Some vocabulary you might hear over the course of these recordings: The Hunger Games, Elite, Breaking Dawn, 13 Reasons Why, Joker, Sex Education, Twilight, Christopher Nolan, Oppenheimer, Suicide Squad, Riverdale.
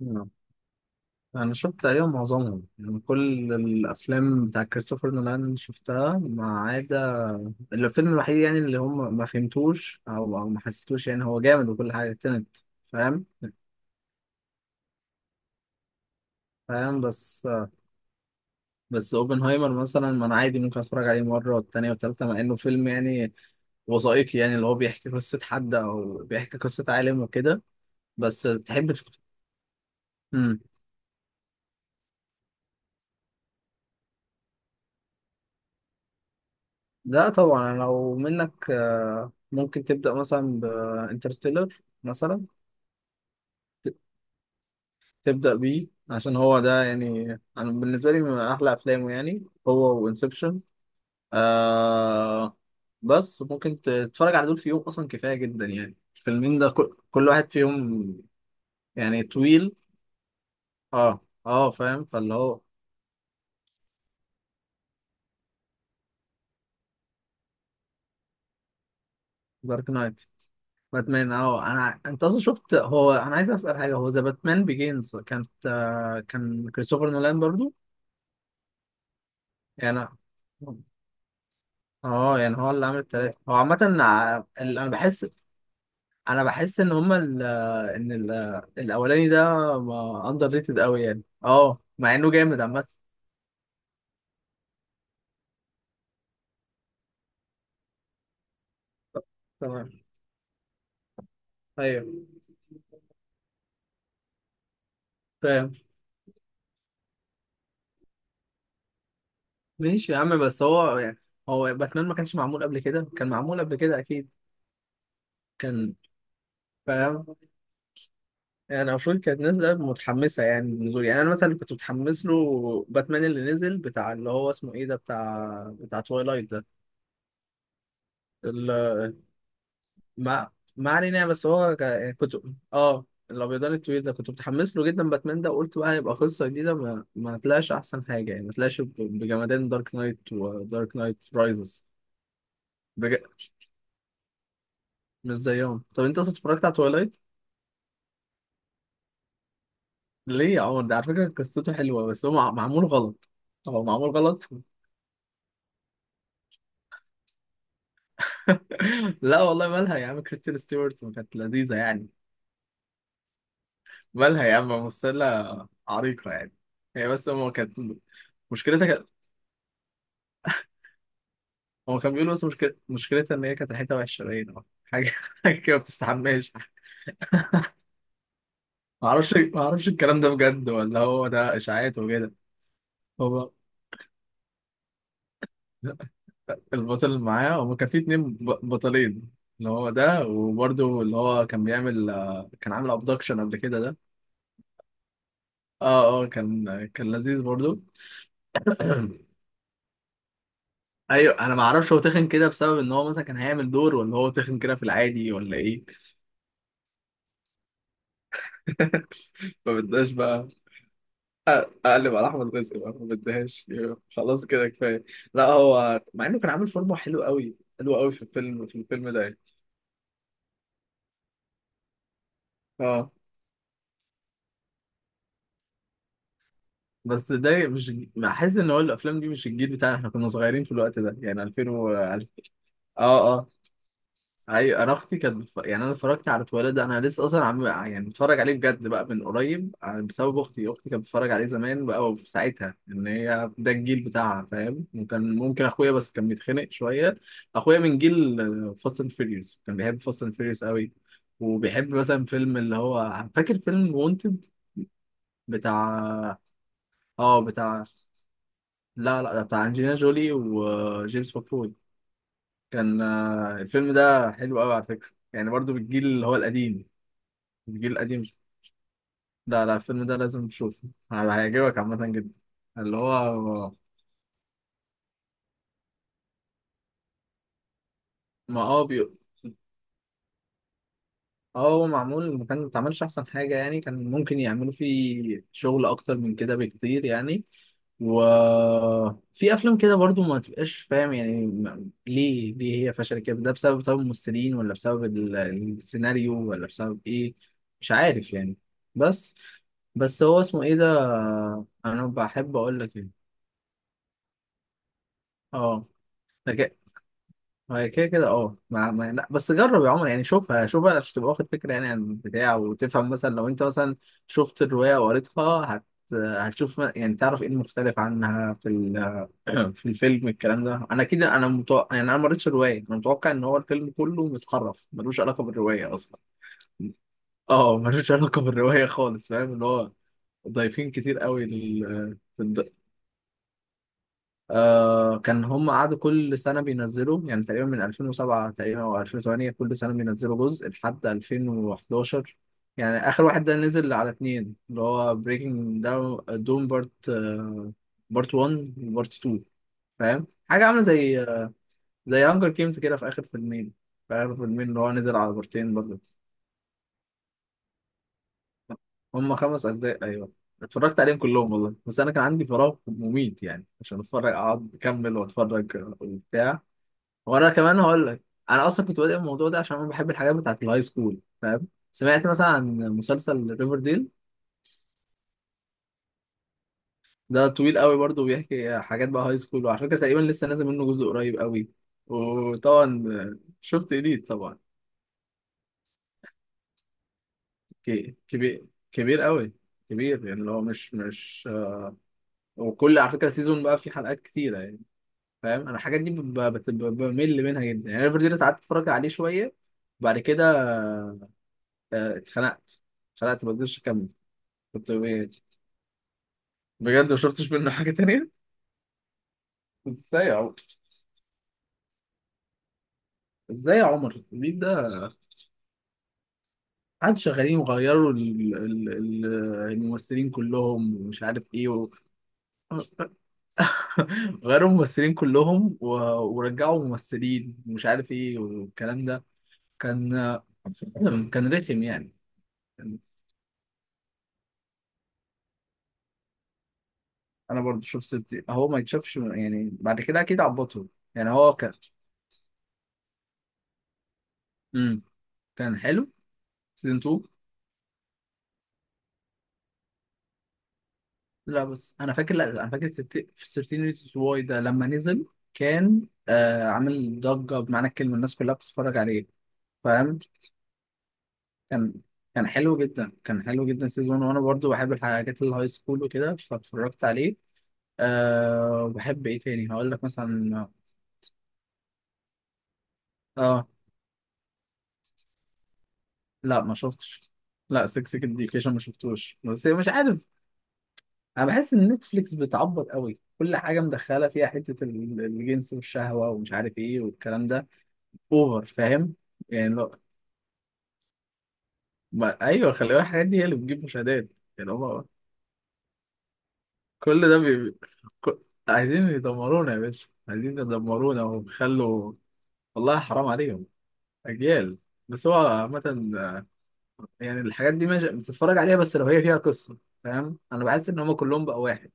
نعم. أنا شفت تقريبا معظمهم، يعني كل الأفلام بتاع كريستوفر نولان شفتها ما عدا الفيلم الوحيد، يعني اللي هم ما فهمتوش أو ما حسيتوش. يعني هو جامد وكل حاجة تنت فاهم. فاهم بس بس أوبنهايمر مثلا، ما أنا عادي ممكن أتفرج عليه مرة والتانية والتالتة، مع إنه فيلم يعني وثائقي، يعني اللي هو بيحكي قصة حد أو بيحكي قصة عالم وكده. بس تحب مم. لا طبعا لو منك ممكن تبدأ مثلا بانترستيلر مثلا. تبدأ بيه عشان هو ده يعني. أنا بالنسبة لي من أحلى أفلامه، يعني هو وإنسبشن. آه، بس ممكن تتفرج على دول في يوم أصلا، كفاية جدا يعني الفيلمين ده كل واحد فيهم يعني طويل. اه فاهم، فاللي هو دارك نايت، باتمان. اه انا، انت اصلا شفت، هو انا عايز اسال حاجه، هو ذا باتمان بيجينز كانت كان كريستوفر نولان برضو يعني؟ اه، يعني هو اللي عامل التلاته هو عامه انا بحس، انا بحس ان هما ال ان ال الاولاني ده اندر ريتد قوي يعني، اه مع انه جامد عامه. تمام. ايوه فاهم. ماشي يا عم، بس هو يعني هو باتمان ما كانش معمول قبل كده؟ كان معمول قبل كده اكيد كان. فاهم. يعني المفروض كانت نازله متحمسه يعني للنزول، يعني انا مثلا كنت متحمس له. باتمان اللي نزل بتاع اللي هو اسمه ايه ده، بتاع بتاع توايلايت ده. ال- ما ما علينا يعني، بس هو ك... يعني كنت اه الابيضان الطويل ده، كنت متحمس له جدا باتمان ده، وقلت بقى هيبقى قصه جديده. ما طلعش احسن حاجه، يعني ما طلعش بجمدان دارك نايت ودارك نايت رايزز. بج... مش زيهم. طب انت اصلا اتفرجت على تويلايت؟ ليه يا عمر؟ ده على فكره قصته حلوه، بس هو معمول غلط. هو معمول غلط. لا والله مالها يا عم، كريستين ستيوارت ما كانت لذيذه يعني؟ مالها يا عم، ممثله عريقه يعني. هي بس هو كانت مشكلتها، هو كان بيقول بس مشكلتها إن هي كانت ريحتها وحشة، باينة حاجة حاجة كده ما بتستحماش. معرفش، معرفش الكلام ده بجد ولا هو ده إشاعات وكده؟ هو البطل اللي معاه، هو كان في اتنين بطلين. اللي هو ده، وبرده اللي هو كان بيعمل كان عامل ابدكشن قبل كده ده. اه كان، كان لذيذ برضه. ايوه انا ما اعرفش، هو تخن كده بسبب ان هو مثلا كان هيعمل دور، ولا هو تخن كده في العادي، ولا ايه؟ ما بدناش بقى. اقلب على احمد رزق بقى، ما بديهاش. خلاص كده كفايه. لا هو مع انه كان عامل فورمه حلو قوي، حلو قوي في الفيلم، في الفيلم ده يعني. اه، بس ده مش، بحس ان هو الافلام دي مش الجيل بتاعنا، احنا كنا صغيرين في الوقت ده يعني 2000 و اه اه. ايوه انا اختي كانت بتف... يعني انا اتفرجت على التواليت ده، انا لسه اصلا عم... يعني بتفرج عليه بجد بقى من قريب بسبب اختي. اختي كانت بتتفرج عليه زمان بقى، وفي ساعتها ان هي ده الجيل بتاعها، فاهم؟ وكان ممكن اخويا، بس كان بيتخنق شويه. اخويا من جيل فاست اند فيريوس، كان بيحب فاست اند فيريوس قوي. وبيحب مثلا فيلم اللي هو، فاكر فيلم وونتد بتاع اه بتاع، لا لا بتاع انجلينا جولي وجيمس ماكفوي. كان الفيلم ده حلو قوي على فكره، يعني برضو بالجيل اللي هو القديم. الجيل القديم، لا لا الفيلم ده لازم تشوفه، هيعجبك عامة جدا. اللي هو ما اه بي... اه هو معمول، ما اتعملش احسن حاجة يعني. كان ممكن يعملوا فيه شغل اكتر من كده بكتير يعني. وفي افلام كده برضو ما تبقاش فاهم يعني ليه ليه هي فشلت كده؟ ده بسبب طب الممثلين، ولا بسبب السيناريو، ولا بسبب ايه؟ مش عارف يعني. بس بس هو اسمه ايه ده؟ انا بحب اقول لك ايه، اه. هي كده كده اه ما... ما... لا بس جرب يا عمر، يعني شوفها، شوفها عشان تبقى واخد فكره يعني عن البتاع، وتفهم مثلا لو انت مثلا شفت الروايه وقريتها، هت... هتشوف يعني تعرف ايه المختلف عنها في ال... في الفيلم. الكلام ده انا كده، انا متوقع، يعني انا ما قريتش الروايه، انا متوقع ان هو الفيلم كله متحرف، ملوش علاقه بالروايه اصلا. اه ملوش علاقه بالروايه خالص، فاهم اللي هو ضايفين كتير قوي لل... آه كان، هم قعدوا كل سنة بينزلوا، يعني تقريبا من 2007 تقريبا أو 2008 كل سنة بينزلوا جزء لحد 2011. يعني آخر واحد ده نزل على اتنين، اللي هو بريكنج داون دوم بارت، بارت 1 وبارت 2. فاهم، حاجة عاملة زي زي هانجر جيمز كده في آخر فيلمين، في آخر فيلمين اللي هو نزل على بارتين برضه. هم خمس أجزاء أيوه، اتفرجت عليهم كلهم والله، بس أنا كان عندي فراغ مميت يعني، عشان أتفرج أقعد أكمل وأتفرج وبتاع. وانا كمان هقول لك، انا اصلا كنت بادئ الموضوع ده عشان انا بحب الحاجات بتاعت الهاي سكول، فاهم؟ سمعت مثلا عن مسلسل ريفر ديل، ده طويل قوي برضه، بيحكي حاجات بقى هاي سكول، وعلى فكره تقريبا لسه نازل منه جزء قريب قوي. وطبعا شفت إليت طبعا. كبير، كبير قوي، كبير يعني اللي هو مش مش، وكل على فكره سيزون بقى فيه حلقات كتيره يعني. فاهم انا الحاجات دي بمل منها جدا يعني. ريفر ديل قعدت اتفرج عليه شويه، بعد كده اتخنقت، اتخنقت ما قدرتش اكمل. كنت بجد ما شفتش منه حاجة تانية؟ ازاي يا عمر؟ ازاي يا عمر؟ الجديد ده قعدوا شغالين، وغيروا الممثلين كلهم ومش عارف ايه و... غيروا الممثلين كلهم و... ورجعوا ممثلين ومش عارف ايه والكلام ده. كان، كان رخم يعني. انا برضو شفت سيفتي، هو ما يتشافش يعني بعد كده، اكيد عبطهم. يعني هو كان امم، كان حلو سيزون 2. لا بس انا فاكر، لا انا فاكر في 13 ريزونز واي ده لما نزل، كان آه عامل ضجه بمعنى الكلمه، الناس كلها بتتفرج عليه. فاهم، كان، كان حلو جدا، كان حلو جدا سيزون واحد، وانا برضو بحب الحاجات الهاي سكول وكده، فاتفرجت عليه. آه، وبحب ايه تاني هقول لك مثلا، اه لا ما شفتش. لا 6 اديوكيشن ما شفتوش، بس مش عارف، انا بحس ان نتفليكس بتعبط قوي، كل حاجه مدخله فيها حته الجنس والشهوه ومش عارف ايه والكلام ده. اوفر فاهم؟ يعني لو ما... ايوه خلي بالك الحاجات دي هي اللي بتجيب مشاهدات. يعني هما كل ده ك... عايزين يدمرونا يا باشا، عايزين يدمرونا ويخلوا، والله حرام عليهم، اجيال. بس هو عامة، يعني الحاجات دي ماشي بتتفرج عليها، بس لو هي فيها قصة. فاهم انا بحس ان هما كلهم بقى واحد،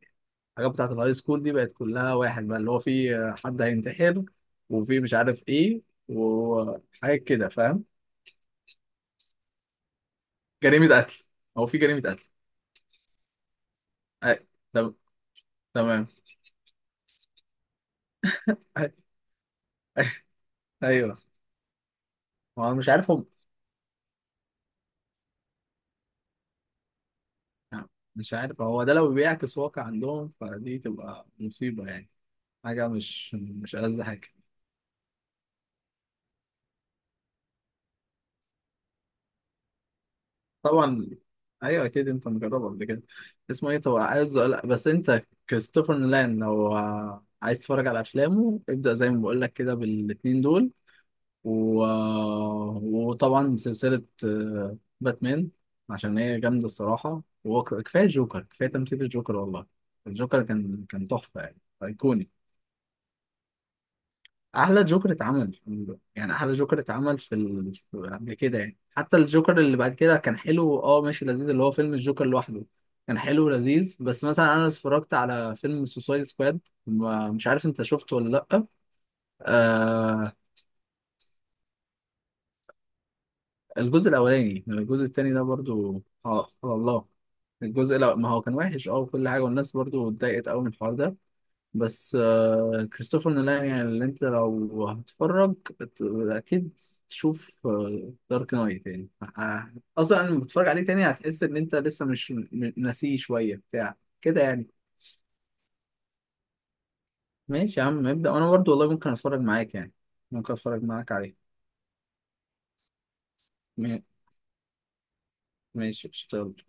الحاجات بتاعت الهاي سكول دي بقت كلها واحد بقى، اللي هو في حد هينتحر، وفي مش عارف ايه، وحاجات كده فاهم. جريمة قتل، او في جريمة قتل. أي- تم- تمام. ايوه ما هو مش عارف هم، مش عارف هو ده لو بيعكس واقع عندهم، فدي تبقى مصيبة يعني، حاجة مش مش ألذ حاجة. طبعا. ايوه اكيد انت مجربه قبل كده. اسمه ايه، طبعا بس انت كريستوفر نولان لو عايز تتفرج على افلامه، ابدأ زي ما بقول لك كده بالاتنين دول. و... وطبعا سلسلة باتمان، عشان هي جامدة الصراحة. وكفاية جوكر، كفاية تمثيل الجوكر والله. الجوكر كان، كان تحفة يعني، أيقوني. احلى جوكر اتعمل، يعني احلى جوكر اتعمل في ال... قبل كده يعني. حتى الجوكر اللي بعد كده كان حلو، اه ماشي لذيذ، اللي هو فيلم الجوكر لوحده، كان حلو ولذيذ. بس مثلا انا اتفرجت على فيلم سوسايد سكواد، مش عارف انت شفته ولا لا. آه الجزء الاولاني، الجزء التاني ده برضو اه على الله. الجزء لا، ما هو كان وحش اه وكل حاجه، والناس برضو اتضايقت قوي من الحوار ده. بس كريستوفر نولان يعني، اللي انت لو هتتفرج اكيد تشوف دارك نايت يعني، آه، اصلا لما بتتفرج عليه تاني هتحس ان انت لسه مش ناسيه شويه بتاع كده يعني. ماشي يا عم ابدا، وانا برضو والله ممكن اتفرج معاك يعني، ممكن اتفرج معاك عليه. ما- ماشي اشتغل